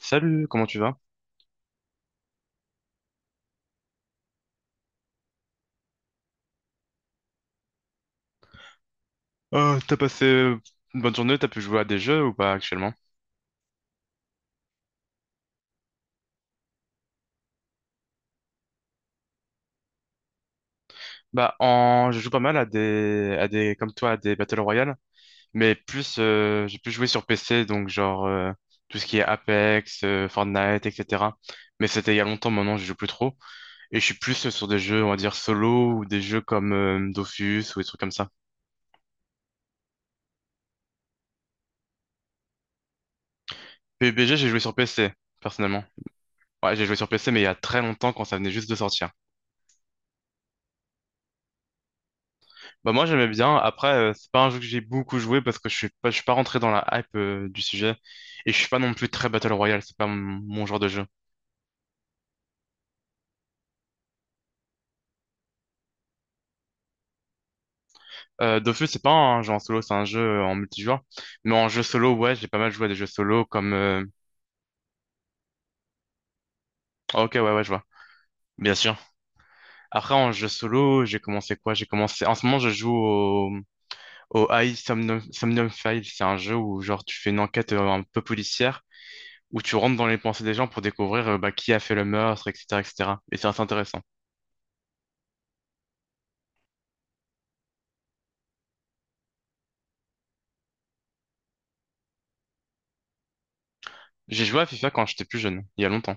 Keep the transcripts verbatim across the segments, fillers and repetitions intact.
Salut, comment tu vas? Euh, t'as passé euh, une bonne journée, t'as pu jouer à des jeux ou pas actuellement? Bah, en... je joue pas mal à des... à des, comme toi, à des Battle Royale, mais plus, euh, j'ai plus joué sur P C, donc genre euh, tout ce qui est Apex, euh, Fortnite, et cetera. Mais c'était il y a longtemps, maintenant je joue plus trop, et je suis plus euh, sur des jeux, on va dire solo ou des jeux comme euh, Dofus ou des trucs comme ça. PUBG, j'ai joué sur P C, personnellement. Ouais, j'ai joué sur P C, mais il y a très longtemps quand ça venait juste de sortir. Bah moi j'aimais bien. Après euh, c'est pas un jeu que j'ai beaucoup joué parce que je suis pas je suis pas rentré dans la hype euh, du sujet et je suis pas non plus très Battle Royale, c'est pas mon, mon genre de jeu. Euh, Dofus c'est pas un jeu en solo, c'est un jeu euh, en multijoueur. Mais en jeu solo ouais j'ai pas mal joué à des jeux solo comme euh, ah, ok, ouais ouais je vois. Bien sûr. Après en jeu solo j'ai commencé quoi? J'ai commencé En ce moment je joue au au High Somnium, Somnium Files. C'est un jeu où genre tu fais une enquête euh, un peu policière où tu rentres dans les pensées des gens pour découvrir euh, bah, qui a fait le meurtre etc et cetera Et cetera. Et c'est assez intéressant. J'ai joué à FIFA quand j'étais plus jeune, il y a longtemps.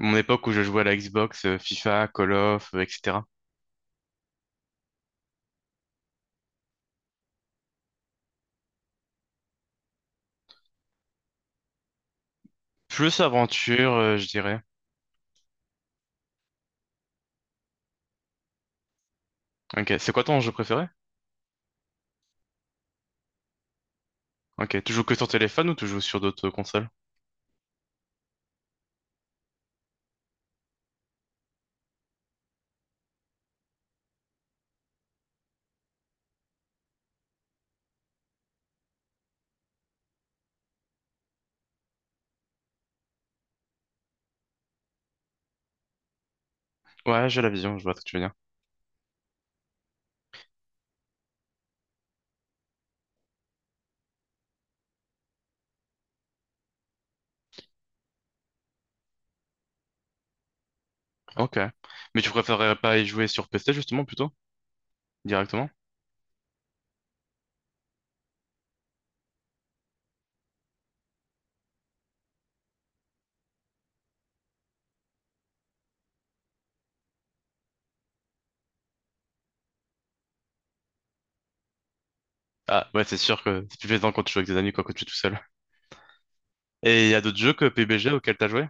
Mon époque où je jouais à la Xbox, euh, FIFA, Call of, euh, et cetera. Plus aventure, euh, je dirais. Ok, c'est quoi ton jeu préféré? Ok, tu joues que sur téléphone ou tu joues sur d'autres consoles? Ouais, j'ai la vision, je vois ce que tu veux dire. Ok. Mais tu préférerais pas y jouer sur P C justement plutôt? Directement? Ah, ouais, c'est sûr que c'est plus plaisant quand tu joues avec tes amis, quoi, quand tu es tout seul. Et il y a d'autres jeux que PUBG auxquels t'as joué?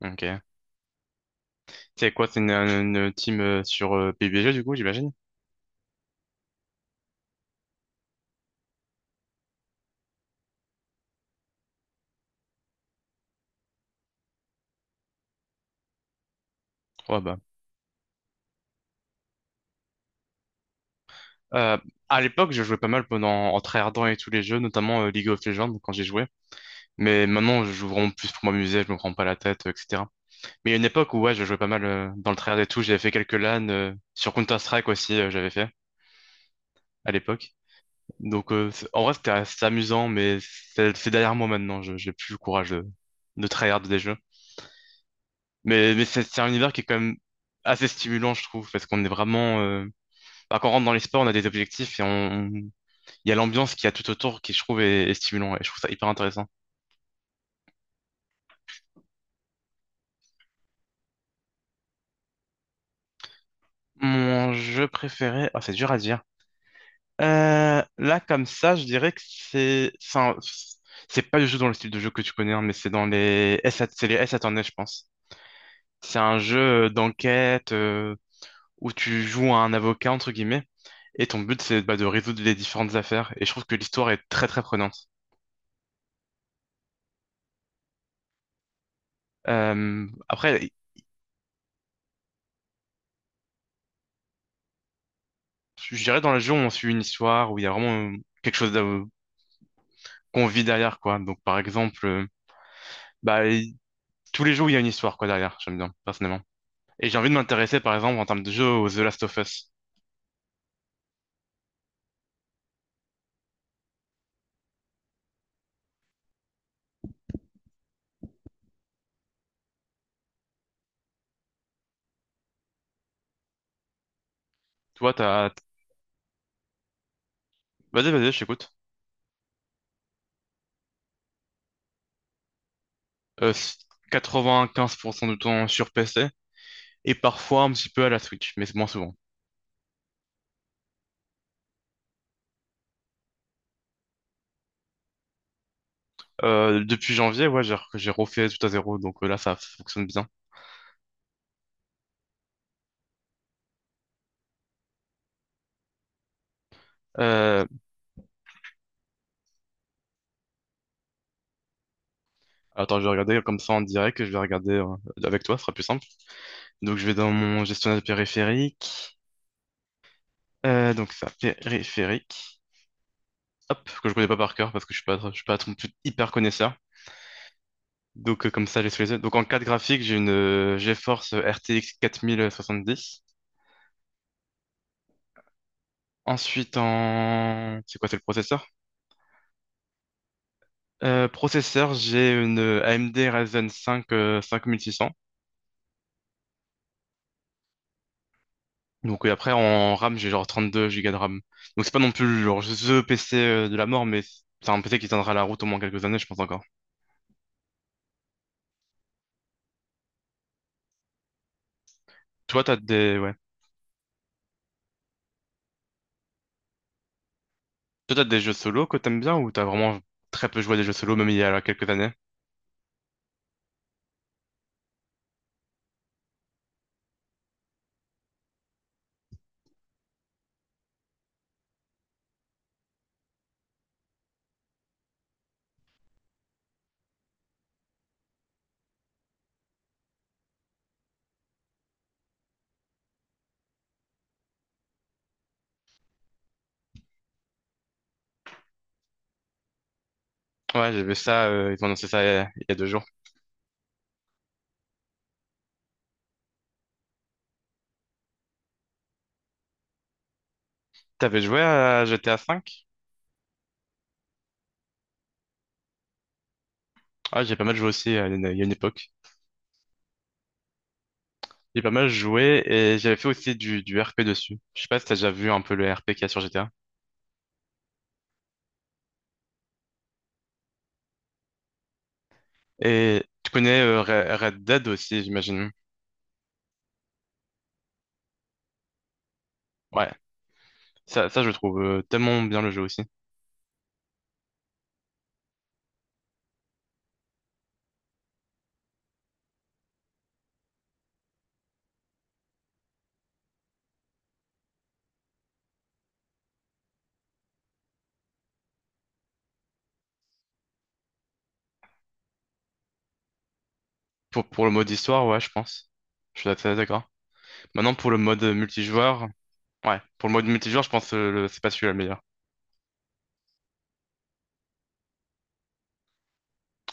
Ok. C'est quoi, c'est une, une team euh, sur euh, PUBG, du coup, j'imagine? Ouais, bah. Euh, à l'époque, je jouais pas mal pendant, en tryhardant et tous les jeux, notamment euh, League of Legends, quand j'y jouais. Mais maintenant, je joue vraiment plus pour m'amuser, je me prends pas la tête, euh, et cetera. Mais il y a une époque où, ouais, je jouais pas mal euh, dans le tryhard et tout, j'avais fait quelques LAN, euh, sur Counter-Strike aussi, euh, j'avais fait, à l'époque. Donc, euh, c'est- en vrai, c'était c'était amusant, mais c'est c'est derrière moi maintenant. Je J'ai plus le courage de, de tryhard des jeux. Mais, mais c'est c'est un univers qui est quand même assez stimulant, je trouve, parce qu'on est vraiment. Euh, bah, quand on rentre dans les sports, on a des objectifs et on, on- il y a l'ambiance qu'il y a tout autour qui, je trouve, est, est stimulant et je trouve ça hyper intéressant. Mon jeu préféré, ah c'est dur à dire. Euh, là, comme ça, je dirais que c'est c'est un- c'est pas du tout dans le style de jeu que tu connais, hein, mais c'est dans les S, A T, c'est les S A à tourner, je pense. C'est un jeu d'enquête. Euh, où tu joues à un avocat, entre guillemets, et ton but, c'est bah, de résoudre les différentes affaires. Et je trouve que l'histoire est très, très prenante. Euh, après, je dirais dans le jeu, on suit une histoire où il y a vraiment euh, quelque chose de- qu'on vit derrière, quoi. Donc, par exemple, euh, bah, il- tous les jours, il y a une histoire, quoi, derrière. J'aime bien, personnellement. Et j'ai envie de m'intéresser, par exemple, en termes de jeu, aux The Last of Us. Toi, t'as... Vas-y, vas-y, je t'écoute. Euh, quatre-vingt-quinze pour cent du temps sur P C, et parfois un petit peu à la Switch, mais c'est moins souvent. Euh, depuis janvier, ouais, j'ai j'ai refait tout à zéro, donc euh, là, ça fonctionne bien. Euh, Attends, je vais regarder comme ça en direct, je vais regarder euh, avec toi, ce sera plus simple. Donc, je vais dans mon gestionnaire de périphérique. Euh, donc, ça, périphérique. Hop, que je connais pas par cœur parce que je suis pas, je suis pas non hyper connaisseur. Donc, euh, comme ça, j'ai sous les yeux. Donc, en carte graphique, j'ai une euh, GeForce R T X quarante soixante-dix. Ensuite, en... C'est quoi, c'est le processeur? Euh, processeur, j'ai une A M D Ryzen cinq euh, cinq mille six cents. Donc et après en RAM j'ai genre trente-deux Go de RAM. Donc c'est pas non plus genre ce P C euh, de la mort mais c'est un P C qui tiendra la route au moins quelques années je pense encore. Toi t'as des ouais. Toi t'as des jeux solo que t'aimes bien ou t'as vraiment très peu joué à des jeux solo même il y a quelques années? Ouais j'ai vu ça, euh, ils ont annoncé ça il y a, il y a deux jours. T'avais joué à G T A V? Ah j'ai pas mal joué aussi à une- il y a une époque. J'ai pas mal joué et j'avais fait aussi du, du R P dessus. Je sais pas si t'as déjà vu un peu le R P qu'il y a sur G T A. Et tu connais euh, Red Red Dead aussi j'imagine. Ouais. Ça, ça, je trouve euh, tellement bien le jeu aussi. Pour, pour le mode histoire, ouais, je pense. Je suis assez d'accord. Maintenant, pour le mode euh, multijoueur, ouais, pour le mode multijoueur, je pense que le- c'est pas celui-là le meilleur.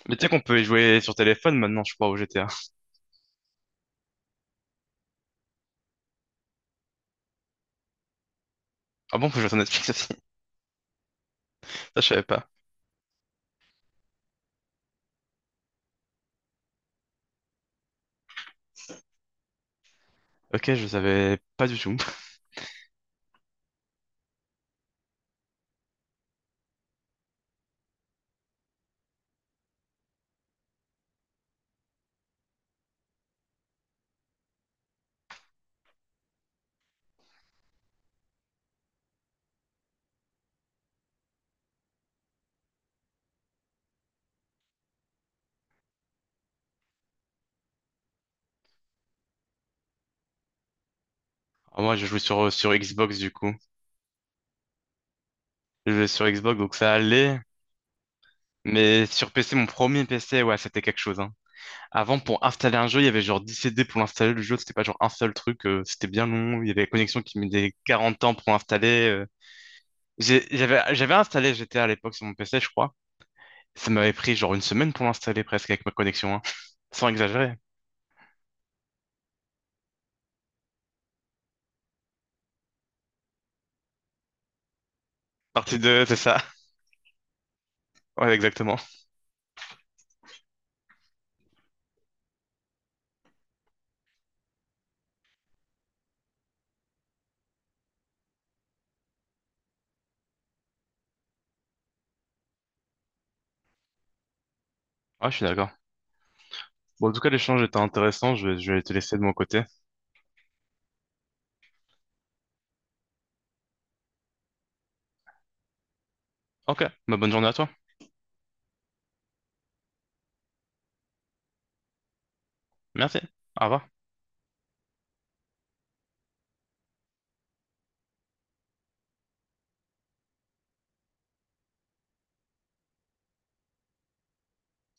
Mais tu sais qu'on peut y jouer sur téléphone maintenant, je crois, au G T A. Ah bon, faut jouer sur Netflix aussi. Ça, je savais pas. Ok, je savais pas du tout. Ah, moi, je jouais sur, euh, sur Xbox, du coup. Je jouais sur Xbox, donc ça allait. Mais sur P C, mon premier P C, ouais, c'était quelque chose, hein. Avant, pour installer un jeu, il y avait genre dix C D pour l'installer. Le jeu, c'était pas genre un seul truc. Euh, c'était bien long. Il y avait la connexion qui mettait quarante ans pour l'installer. euh. J'ai- J'avais, j'avais installé G T A à l'époque sur mon P C, je crois. Ça m'avait pris genre une semaine pour l'installer presque avec ma connexion, hein. Sans exagérer. Partie deux, c'est ça. Ouais, exactement. Ouais, je suis d'accord. Bon, en tout cas, l'échange était intéressant. Je vais, je vais te laisser de mon côté. Ok, bah, bonne journée à toi. Merci. Au revoir.